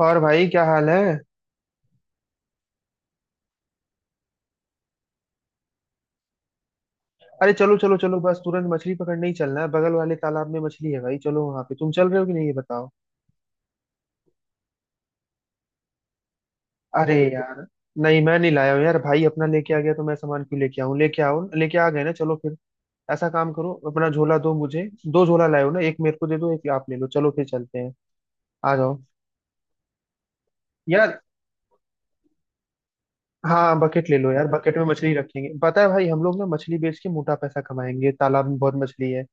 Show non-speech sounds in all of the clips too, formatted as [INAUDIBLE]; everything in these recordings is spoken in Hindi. और भाई क्या हाल है। अरे चलो चलो चलो, बस तुरंत मछली पकड़ने ही चलना है। बगल वाले तालाब में मछली है भाई, चलो वहां पे। तुम चल रहे हो कि नहीं ये बताओ। अरे यार, नहीं मैं नहीं लाया हूँ यार। भाई अपना लेके आ गया तो मैं सामान क्यों लेके आऊँ। लेके आओ, लेके आ गए ना, चलो फिर। ऐसा काम करो, अपना झोला दो मुझे। दो झोला लाए हो ना, एक मेरे को दे दो, एक आप ले लो, चलो फिर चलते हैं। आ जाओ यार। हाँ बकेट ले लो यार, बकेट में मछली रखेंगे। पता है भाई, हम लोग ना मछली बेच के मोटा पैसा कमाएंगे, तालाब में बहुत मछली है।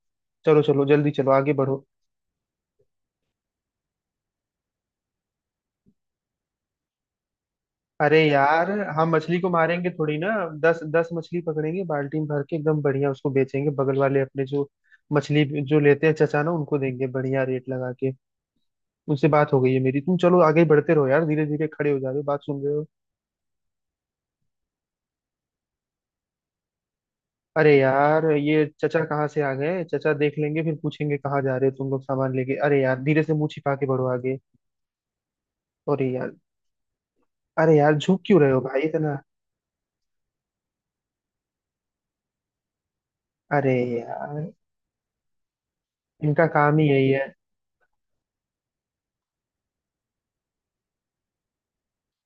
चलो चलो जल्दी चलो, आगे बढ़ो। अरे यार, हम मछली को मारेंगे थोड़ी ना। 10 10 मछली पकड़ेंगे, बाल्टी में भर के एकदम बढ़िया, उसको बेचेंगे बगल वाले अपने जो मछली जो लेते हैं चचा ना, उनको देंगे बढ़िया रेट लगा के। उनसे बात हो गई है मेरी, तुम चलो आगे बढ़ते रहो यार। धीरे धीरे खड़े हो जा रहे हो, बात सुन रहे हो? अरे यार, ये चचा कहाँ से आ गए। चचा देख लेंगे फिर पूछेंगे कहाँ जा रहे हो तुम लोग सामान लेके। अरे यार धीरे से, मुंह छिपा के बढ़ो आगे। अरे यार, अरे यार झुक क्यों रहे हो भाई इतना। अरे यार, इनका काम ही यही है।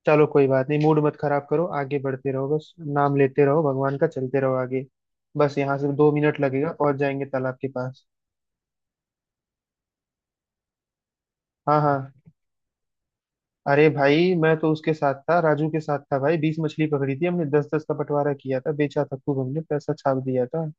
चलो कोई बात नहीं, मूड मत खराब करो, आगे बढ़ते रहो, बस नाम लेते रहो भगवान का, चलते रहो आगे। बस यहाँ से 2 मिनट लगेगा, पहुंच जाएंगे तालाब के पास। हाँ हाँ। अरे भाई मैं तो उसके साथ था, राजू के साथ था भाई, 20 मछली पकड़ी थी हमने, 10 10 का बंटवारा किया था, बेचा था खूब, हमने पैसा छाप दिया था।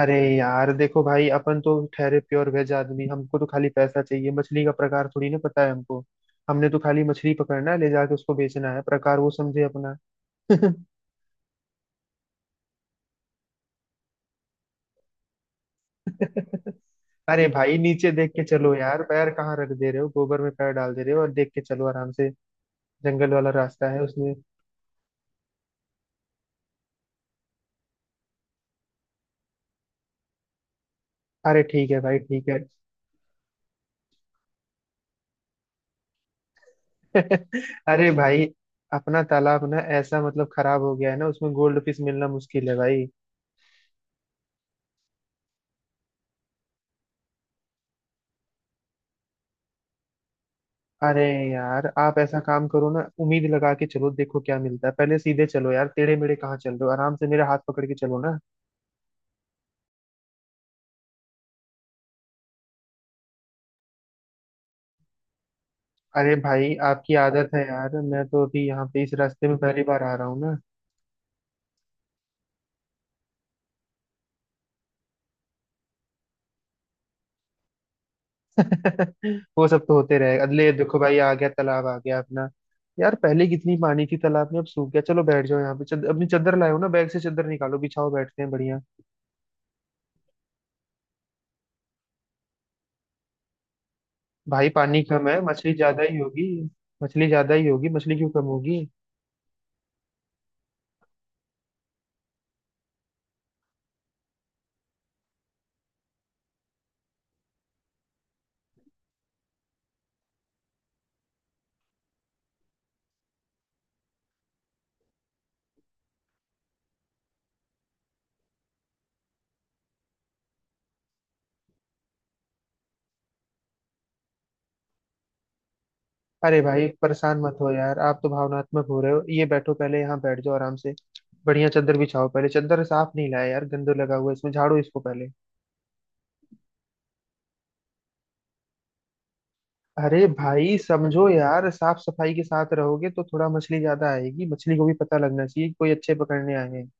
अरे यार देखो भाई, अपन तो ठहरे प्योर वेज आदमी, हमको तो खाली पैसा चाहिए, मछली का प्रकार थोड़ी ना पता है हमको। हमने तो खाली मछली पकड़ना है, ले जाके उसको बेचना है, प्रकार वो समझे अपना। [LAUGHS] [LAUGHS] अरे भाई, नीचे देख के चलो यार, पैर कहाँ रख दे रहे हो, गोबर में पैर डाल दे रहे हो, और देख के चलो आराम से। जंगल वाला रास्ता है उसमें। अरे ठीक है भाई ठीक है। [LAUGHS] अरे भाई, अपना तालाब ना ऐसा मतलब खराब हो गया है ना, उसमें गोल्ड फिश मिलना मुश्किल है भाई। अरे यार, आप ऐसा काम करो ना, उम्मीद लगा के चलो, देखो क्या मिलता है। पहले सीधे चलो यार, टेढ़े मेढ़े कहाँ चल रहे हो, आराम से मेरे हाथ पकड़ के चलो ना। अरे भाई आपकी आदत है यार, मैं तो अभी यहाँ पे इस रास्ते में पहली बार आ रहा हूँ ना। वो सब तो होते रहे अगले, देखो भाई आ गया तालाब, आ गया अपना। यार पहले कितनी पानी थी तालाब में, अब सूख गया। चलो बैठ जाओ यहाँ पे। अपनी चादर लाए हो ना, बैग से चादर निकालो, बिछाओ, बैठते हैं बढ़िया। भाई पानी कम है, मछली ज्यादा ही होगी। मछली ज्यादा ही होगी, मछली क्यों कम होगी। अरे भाई परेशान मत हो यार, आप तो भावनात्मक हो रहे हो। ये बैठो पहले यहाँ, बैठ जाओ आराम से। बढ़िया चादर बिछाओ, पहले चादर साफ नहीं लाया यार, गंदो लगा हुआ है इसमें, झाड़ो इसको पहले। अरे भाई समझो यार, साफ सफाई के साथ रहोगे तो थोड़ा मछली ज्यादा आएगी। मछली को भी पता लगना चाहिए कि कोई अच्छे पकड़ने आए हैं।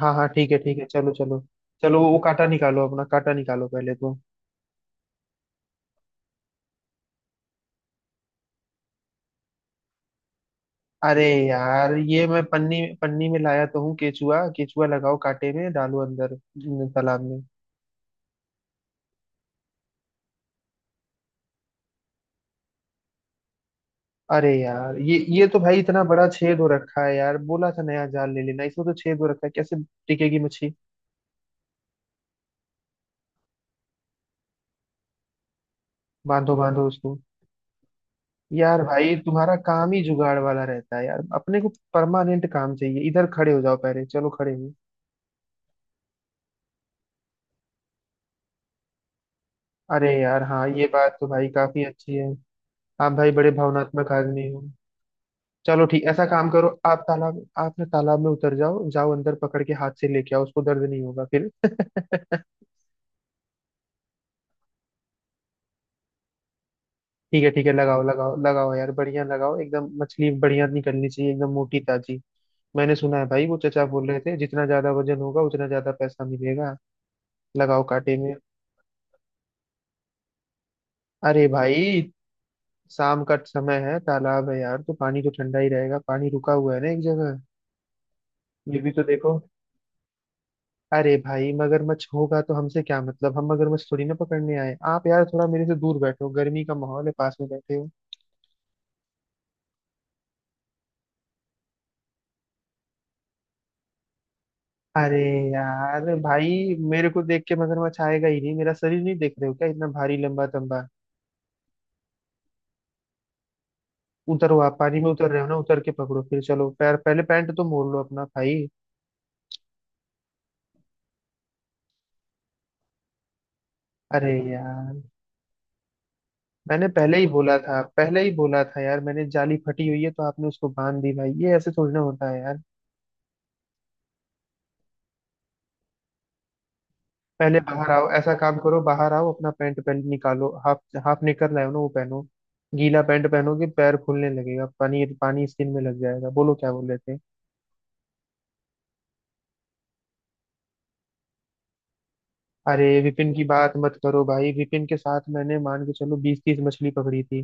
हाँ हाँ ठीक है ठीक है, चलो चलो। चलो वो कांटा निकालो, अपना कांटा निकालो पहले तो। अरे यार ये मैं पन्नी पन्नी में लाया तो हूँ केचुआ, केचुआ लगाओ कांटे में, डालो अंदर न, तालाब में। अरे यार ये तो भाई इतना बड़ा छेद हो रखा है यार, बोला था नया जाल ले लेना, इसमें तो छेद हो रखा है, कैसे टिकेगी मछली। बांधो बांधो उसको। यार भाई तुम्हारा काम ही जुगाड़ वाला रहता है यार, अपने को परमानेंट काम चाहिए। इधर खड़े हो जाओ पहले, चलो खड़े हो। अरे यार, हाँ ये बात तो भाई काफी अच्छी है। आप भाई बड़े भावनात्मक आदमी हो। चलो ठीक, ऐसा काम करो आप तालाब, आप ना तालाब में उतर जाओ, जाओ अंदर, पकड़ के हाथ से लेके आओ, उसको दर्द नहीं होगा फिर। [LAUGHS] ठीक है ठीक है, लगाओ लगाओ लगाओ यार, बढ़िया लगाओ एकदम, मछली बढ़िया निकलनी चाहिए एकदम मोटी ताजी। मैंने सुना है भाई वो चचा बोल रहे थे, जितना ज्यादा वजन होगा उतना ज्यादा पैसा मिलेगा। लगाओ कांटे में। अरे भाई, शाम का समय है, तालाब है यार, तो पानी तो ठंडा ही रहेगा, पानी रुका हुआ है ना एक जगह। ये भी तो देखो। अरे भाई, मगरमच्छ होगा तो हमसे क्या मतलब, हम मगरमच्छ थोड़ी ना पकड़ने आए। आप यार थोड़ा मेरे से दूर बैठो, गर्मी का माहौल है, पास में बैठे हो। अरे यार, भाई मेरे को देख के मगरमच्छ आएगा ही नहीं, मेरा शरीर नहीं देख रहे हो क्या, इतना भारी लंबा तंबा। उतरो, आप पानी में उतर रहे हो ना, उतर के पकड़ो फिर। चलो पैर पहले, पैंट तो मोड़ लो अपना भाई। अरे यार, मैंने पहले ही बोला था, पहले ही बोला था यार मैंने, जाली फटी हुई है, तो आपने उसको बांध दी भाई, ये ऐसे थोड़ी ना होता है यार। पहले बाहर आओ, ऐसा काम करो बाहर आओ, अपना पैंट पहन, निकालो हाफ। हाफ निकल रहा है ना वो, पहनो। गीला पैंट पहनोगे पैर फूलने लगेगा, पानी पानी स्किन में लग जाएगा। बोलो क्या बोल रहे थे। अरे विपिन की बात मत करो भाई, विपिन के साथ मैंने मान के चलो 20 30 मछली पकड़ी थी।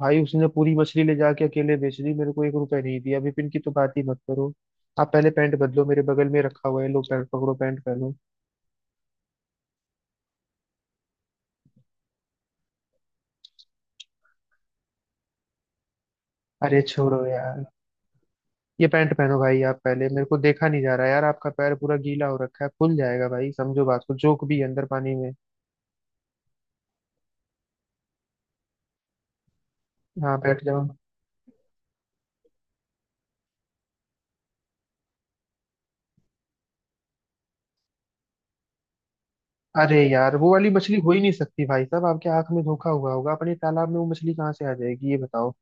भाई उसने पूरी मछली ले जाके अकेले बेच दी, मेरे को 1 रुपए नहीं दिया, विपिन की तो बात ही मत करो। आप पहले पैंट बदलो, मेरे बगल में रखा हुआ है, लो पैंट पकड़ो, पैंट पहनो। अरे छोड़ो यार। ये पैंट पहनो भाई आप पहले, मेरे को देखा नहीं जा रहा यार, आपका पैर पूरा गीला हो रखा है, फूल जाएगा भाई, समझो बात को, जोक भी है अंदर पानी में। हाँ बैठ जाओ। अरे यार, वो वाली मछली हो ही नहीं सकती भाई साहब, आपके आंख में धोखा हुआ होगा, अपने तालाब में वो मछली कहाँ से आ जाएगी ये बताओ।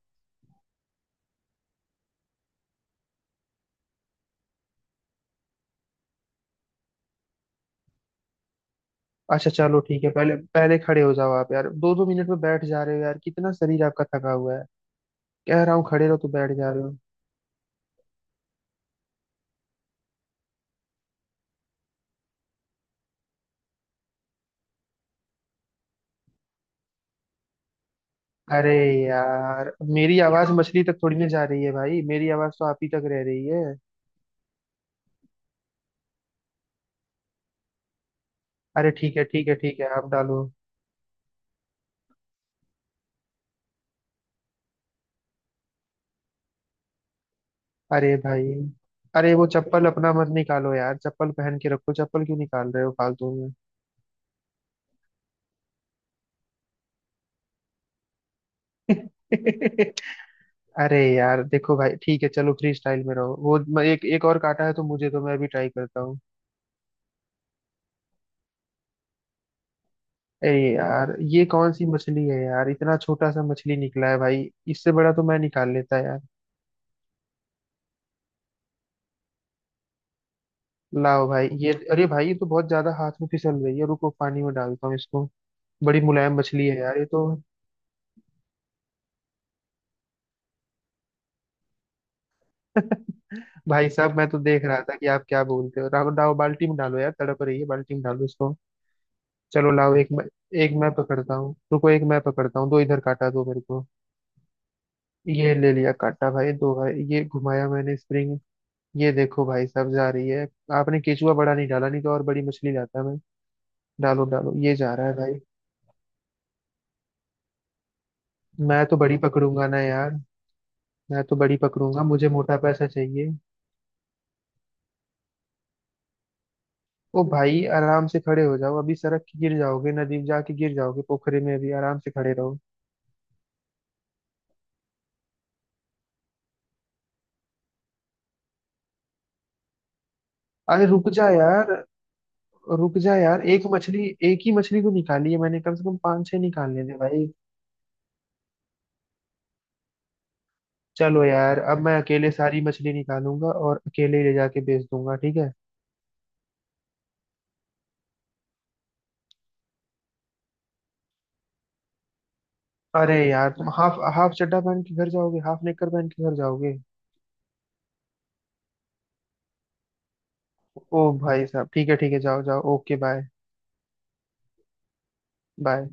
अच्छा चलो ठीक है, पहले पहले खड़े हो जाओ आप यार, 2 2 मिनट में बैठ जा रहे हो यार, कितना शरीर आपका थका हुआ है। कह रहा हूँ खड़े रहो तो बैठ जा रहे हो। अरे यार, मेरी आवाज मछली तक थोड़ी ना जा रही है भाई, मेरी आवाज तो आप ही तक रह रही है। अरे ठीक है ठीक है ठीक है, आप डालो। अरे भाई, अरे वो चप्पल अपना मत निकालो यार, चप्पल पहन के रखो, चप्पल क्यों निकाल रहे हो फालतू में। [LAUGHS] अरे यार देखो भाई, ठीक है चलो फ्री स्टाइल में रहो। वो मैं एक एक और काटा है तो, मुझे तो मैं भी ट्राई करता हूँ। अरे यार ये कौन सी मछली है यार, इतना छोटा सा मछली निकला है भाई। इससे बड़ा तो मैं निकाल लेता यार। लाओ भाई ये, अरे भाई ये तो बहुत ज्यादा हाथ में फिसल रही है, रुको पानी में डालता हूँ इसको। बड़ी मुलायम मछली है यार ये तो। [LAUGHS] भाई साहब मैं तो देख रहा था कि आप क्या बोलते हो, राव डाव बाल्टी में डालो यार, तड़प रही है, बाल्टी में डालो इसको। चलो लाओ, एक मैं, एक मैं पकड़ता हूँ, रुको एक मैं पकड़ता हूँ, दो इधर काटा दो मेरे को। ये ले लिया काटा भाई, दो भाई ये घुमाया मैंने स्प्रिंग। ये देखो भाई साहब जा रही है। आपने केचुआ बड़ा नहीं डाला, नहीं तो और बड़ी मछली लाता मैं। डालो डालो ये जा रहा है भाई। मैं तो बड़ी पकड़ूंगा ना यार। मैं तो बड़ी पकड़ूंगा, मुझे मोटा पैसा चाहिए। ओ भाई आराम से खड़े हो जाओ, अभी सड़क के गिर जाओगे, नदी में जाके गिर जाओगे, पोखरे में अभी, आराम से खड़े रहो। अरे रुक जा यार, रुक जा यार, एक मछली, एक ही मछली को निकाली है मैंने, कम से कम 5 6 निकाल लेने भाई। चलो यार, अब मैं अकेले सारी मछली निकालूंगा और अकेले ही ले जाके बेच दूंगा, ठीक है। अरे यार तुम हाफ, हाफ चड्डा पहन के घर जाओगे, हाफ नेकर पहन के घर जाओगे। ओ भाई साहब ठीक है ठीक है, जाओ जाओ, ओके बाय। बाय।